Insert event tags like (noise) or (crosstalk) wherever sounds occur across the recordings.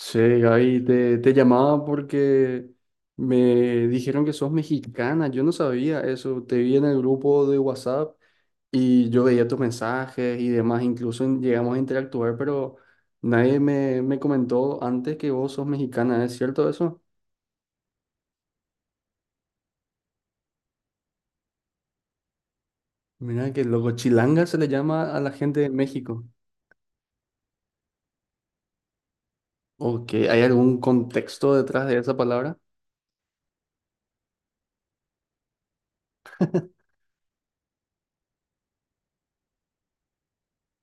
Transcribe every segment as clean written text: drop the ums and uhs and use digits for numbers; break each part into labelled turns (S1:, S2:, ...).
S1: Sí, Gaby, te llamaba porque me dijeron que sos mexicana, yo no sabía eso, te vi en el grupo de WhatsApp y yo veía tus mensajes y demás, incluso llegamos a interactuar, pero nadie me comentó antes que vos sos mexicana, ¿es cierto eso? Mira que loco, chilanga se le llama a la gente de México. Ok, ¿hay algún contexto detrás de esa palabra?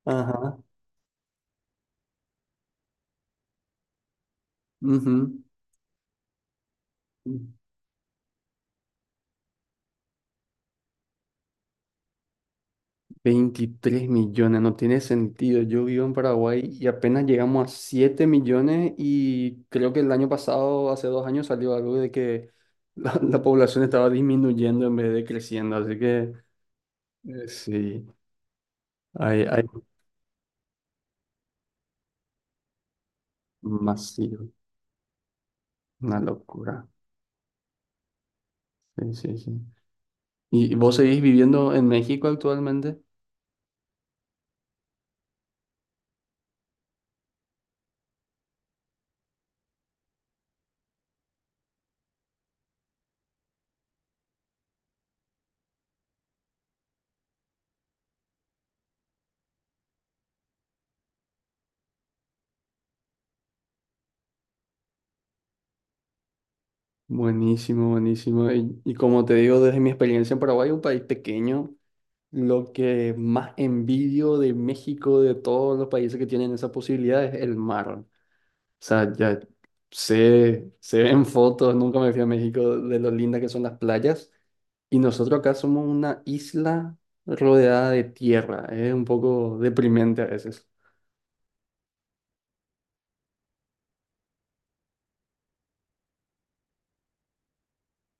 S1: Ajá. Ujú. 23 millones, no tiene sentido. Yo vivo en Paraguay y apenas llegamos a 7 millones y creo que el año pasado, hace 2 años, salió algo de que (laughs) la población estaba disminuyendo en vez de creciendo. Así que sí, hay masivo, una locura. Sí, sí, sí. ¿Y vos seguís viviendo en México actualmente? Buenísimo, buenísimo. Y como te digo, desde mi experiencia en Paraguay, un país pequeño. Lo que más envidio de México, de todos los países que tienen esa posibilidad, es el mar. O sea, ya sé, se ven (laughs) fotos, nunca me fui a México, de lo lindas que son las playas. Y nosotros acá somos una isla rodeada de tierra. Es un poco deprimente a veces.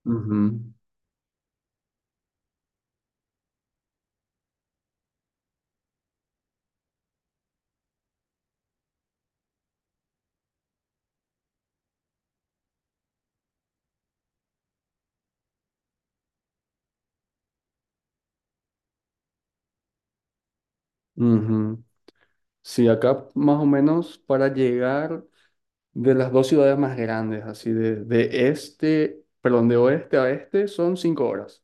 S1: Ujú, ujú. Sí, acá más o menos para llegar de las dos ciudades más grandes, así de este, perdón, de oeste a este son 5 horas.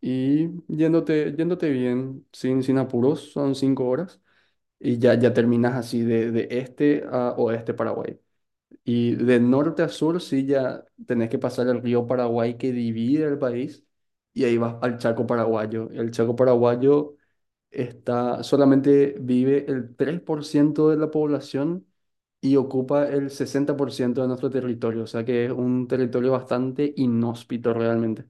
S1: Y yéndote bien, sin apuros, son 5 horas, y ya terminas así de este a oeste Paraguay. Y de norte a sur, sí, ya tenés que pasar el río Paraguay que divide el país, y ahí vas al Chaco paraguayo. El Chaco paraguayo está, solamente vive el 3% de la población y ocupa el 60% de nuestro territorio, o sea que es un territorio bastante inhóspito realmente.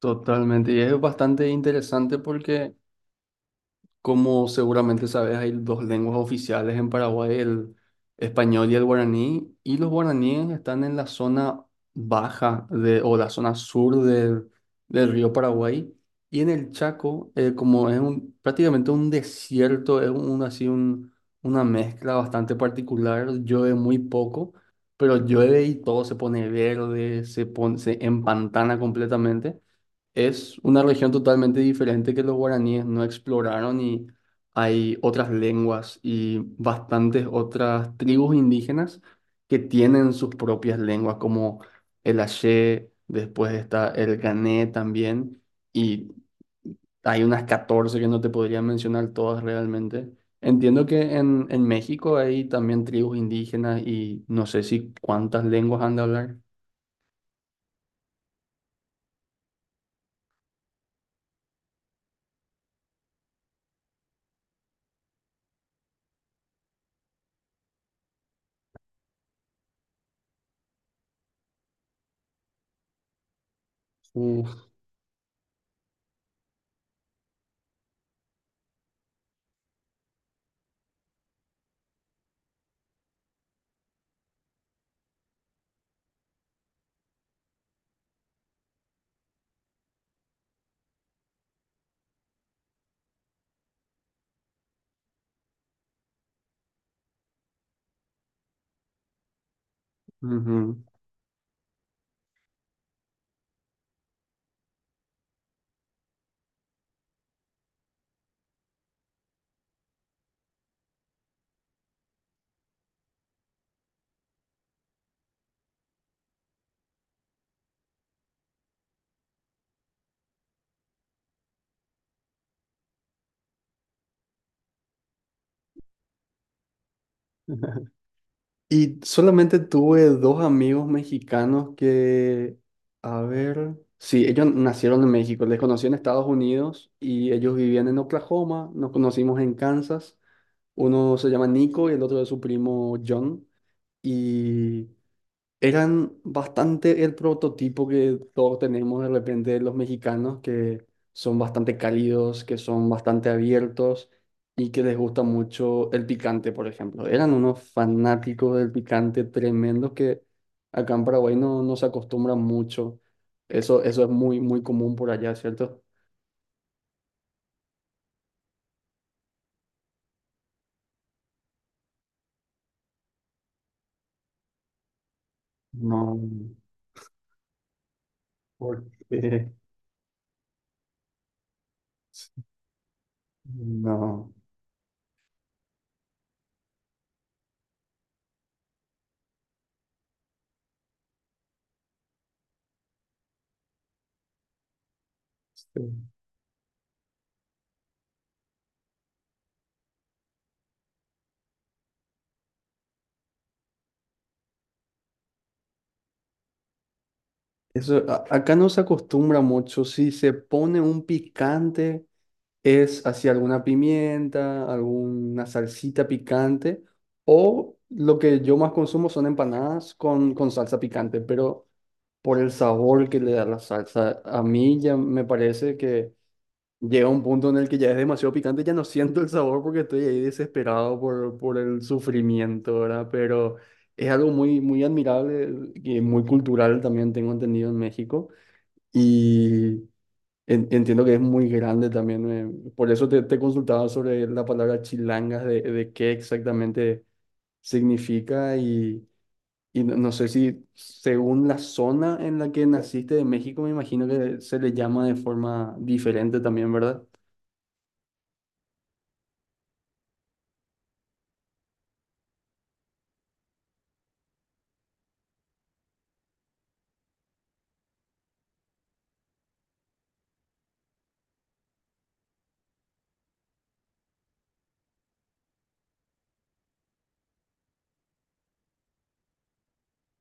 S1: Totalmente, y es bastante interesante porque, como seguramente sabes, hay dos lenguas oficiales en Paraguay, el español y el guaraní, y los guaraníes están en la zona baja de, o la zona sur del río Paraguay, y en el Chaco, como es un, prácticamente un desierto, es un, así un, una mezcla bastante particular, llueve muy poco, pero llueve y todo se pone verde, se pone, se empantana completamente. Es una región totalmente diferente que los guaraníes no exploraron y hay otras lenguas y bastantes otras tribus indígenas que tienen sus propias lenguas, como el Aché, después está el Gané también, y hay unas 14 que no te podría mencionar todas realmente. Entiendo que en México hay también tribus indígenas y no sé si cuántas lenguas han de hablar. Uf, ujú. (laughs) Y solamente tuve dos amigos mexicanos que, a ver, sí, ellos nacieron en México, les conocí en Estados Unidos y ellos vivían en Oklahoma, nos conocimos en Kansas, uno se llama Nico y el otro es su primo John, y eran bastante el prototipo que todos tenemos de repente de los mexicanos, que son bastante cálidos, que son bastante abiertos y que les gusta mucho el picante, por ejemplo. Eran unos fanáticos del picante tremendos que acá en Paraguay no, no se acostumbran mucho. Eso es muy, muy común por allá, ¿cierto? No, ¿por qué? (laughs) No. Sí. Eso, acá no se acostumbra mucho. Si se pone un picante, es hacia alguna pimienta, alguna salsita picante, o lo que yo más consumo son empanadas con salsa picante, pero por el sabor que le da la salsa, a mí ya me parece que llega un punto en el que ya es demasiado picante, ya no siento el sabor porque estoy ahí desesperado por el sufrimiento, ¿verdad? Pero es algo muy, muy admirable y muy cultural también tengo entendido en México. Y entiendo que es muy grande también. Por eso te consultaba sobre la palabra chilangas, de qué exactamente significa y no, no sé si según la zona en la que naciste de México, me imagino que se le llama de forma diferente también, ¿verdad?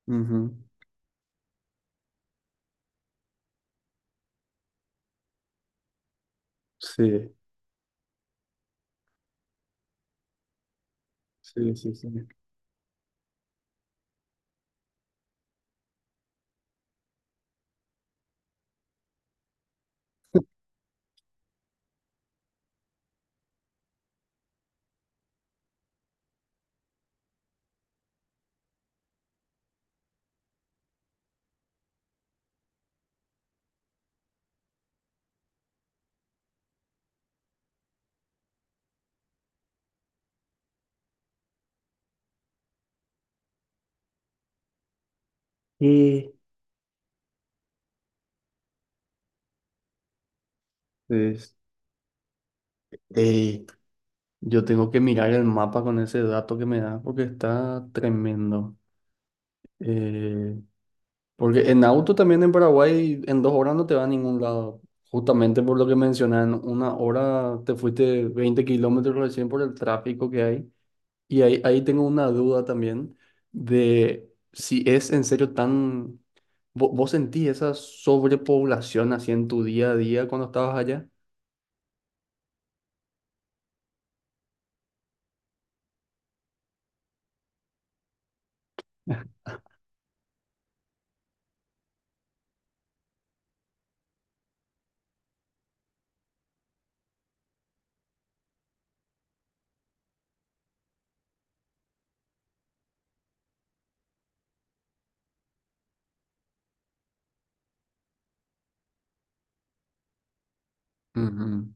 S1: Ujú. Sí, sí, sí, sí. Y Es- Ey, yo tengo que mirar el mapa con ese dato que me da porque está tremendo. Eh, Porque en auto también en Paraguay en 2 horas no te va a ningún lado. Justamente por lo que mencionan, 1 hora te fuiste 20 kilómetros recién por el tráfico que hay. Y ahí tengo una duda también de si es en serio tan... ¿Vos sentís esa sobrepoblación así en tu día a día cuando estabas allá? Ujú,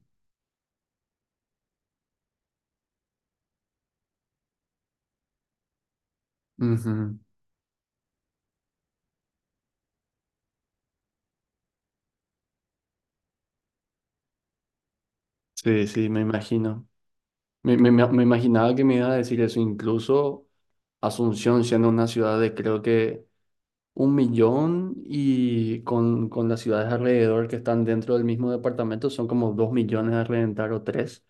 S1: ujú. Sí, sí, me imagino. Me imaginaba que me iba a decir eso, incluso Asunción siendo una ciudad de creo que 1 millón y con las ciudades alrededor que están dentro del mismo departamento son como 2 millones a reventar o tres.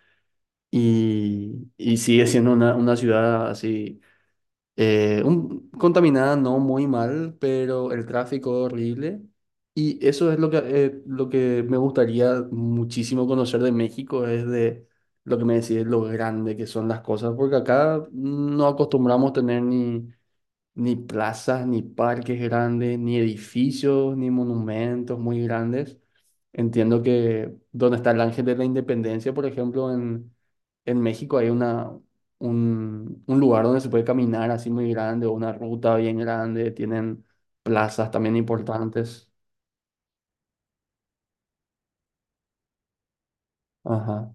S1: Y sigue siendo una ciudad así, contaminada no muy mal, pero el tráfico horrible. Y eso es lo que me gustaría muchísimo conocer de México, es de lo que me decís, lo grande que son las cosas, porque acá no acostumbramos tener ni plazas, ni parques grandes, ni edificios, ni monumentos muy grandes. Entiendo que donde está el Ángel de la Independencia, por ejemplo, en México hay un lugar donde se puede caminar así muy grande, o una ruta bien grande, tienen plazas también importantes. Ajá.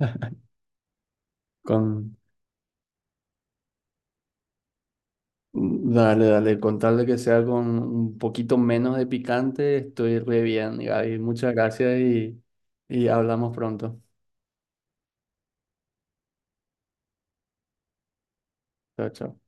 S1: (laughs) Con, dale, dale, con tal de que sea con un poquito menos de picante, estoy re bien, Gaby. Muchas gracias y hablamos pronto. Chao, chao.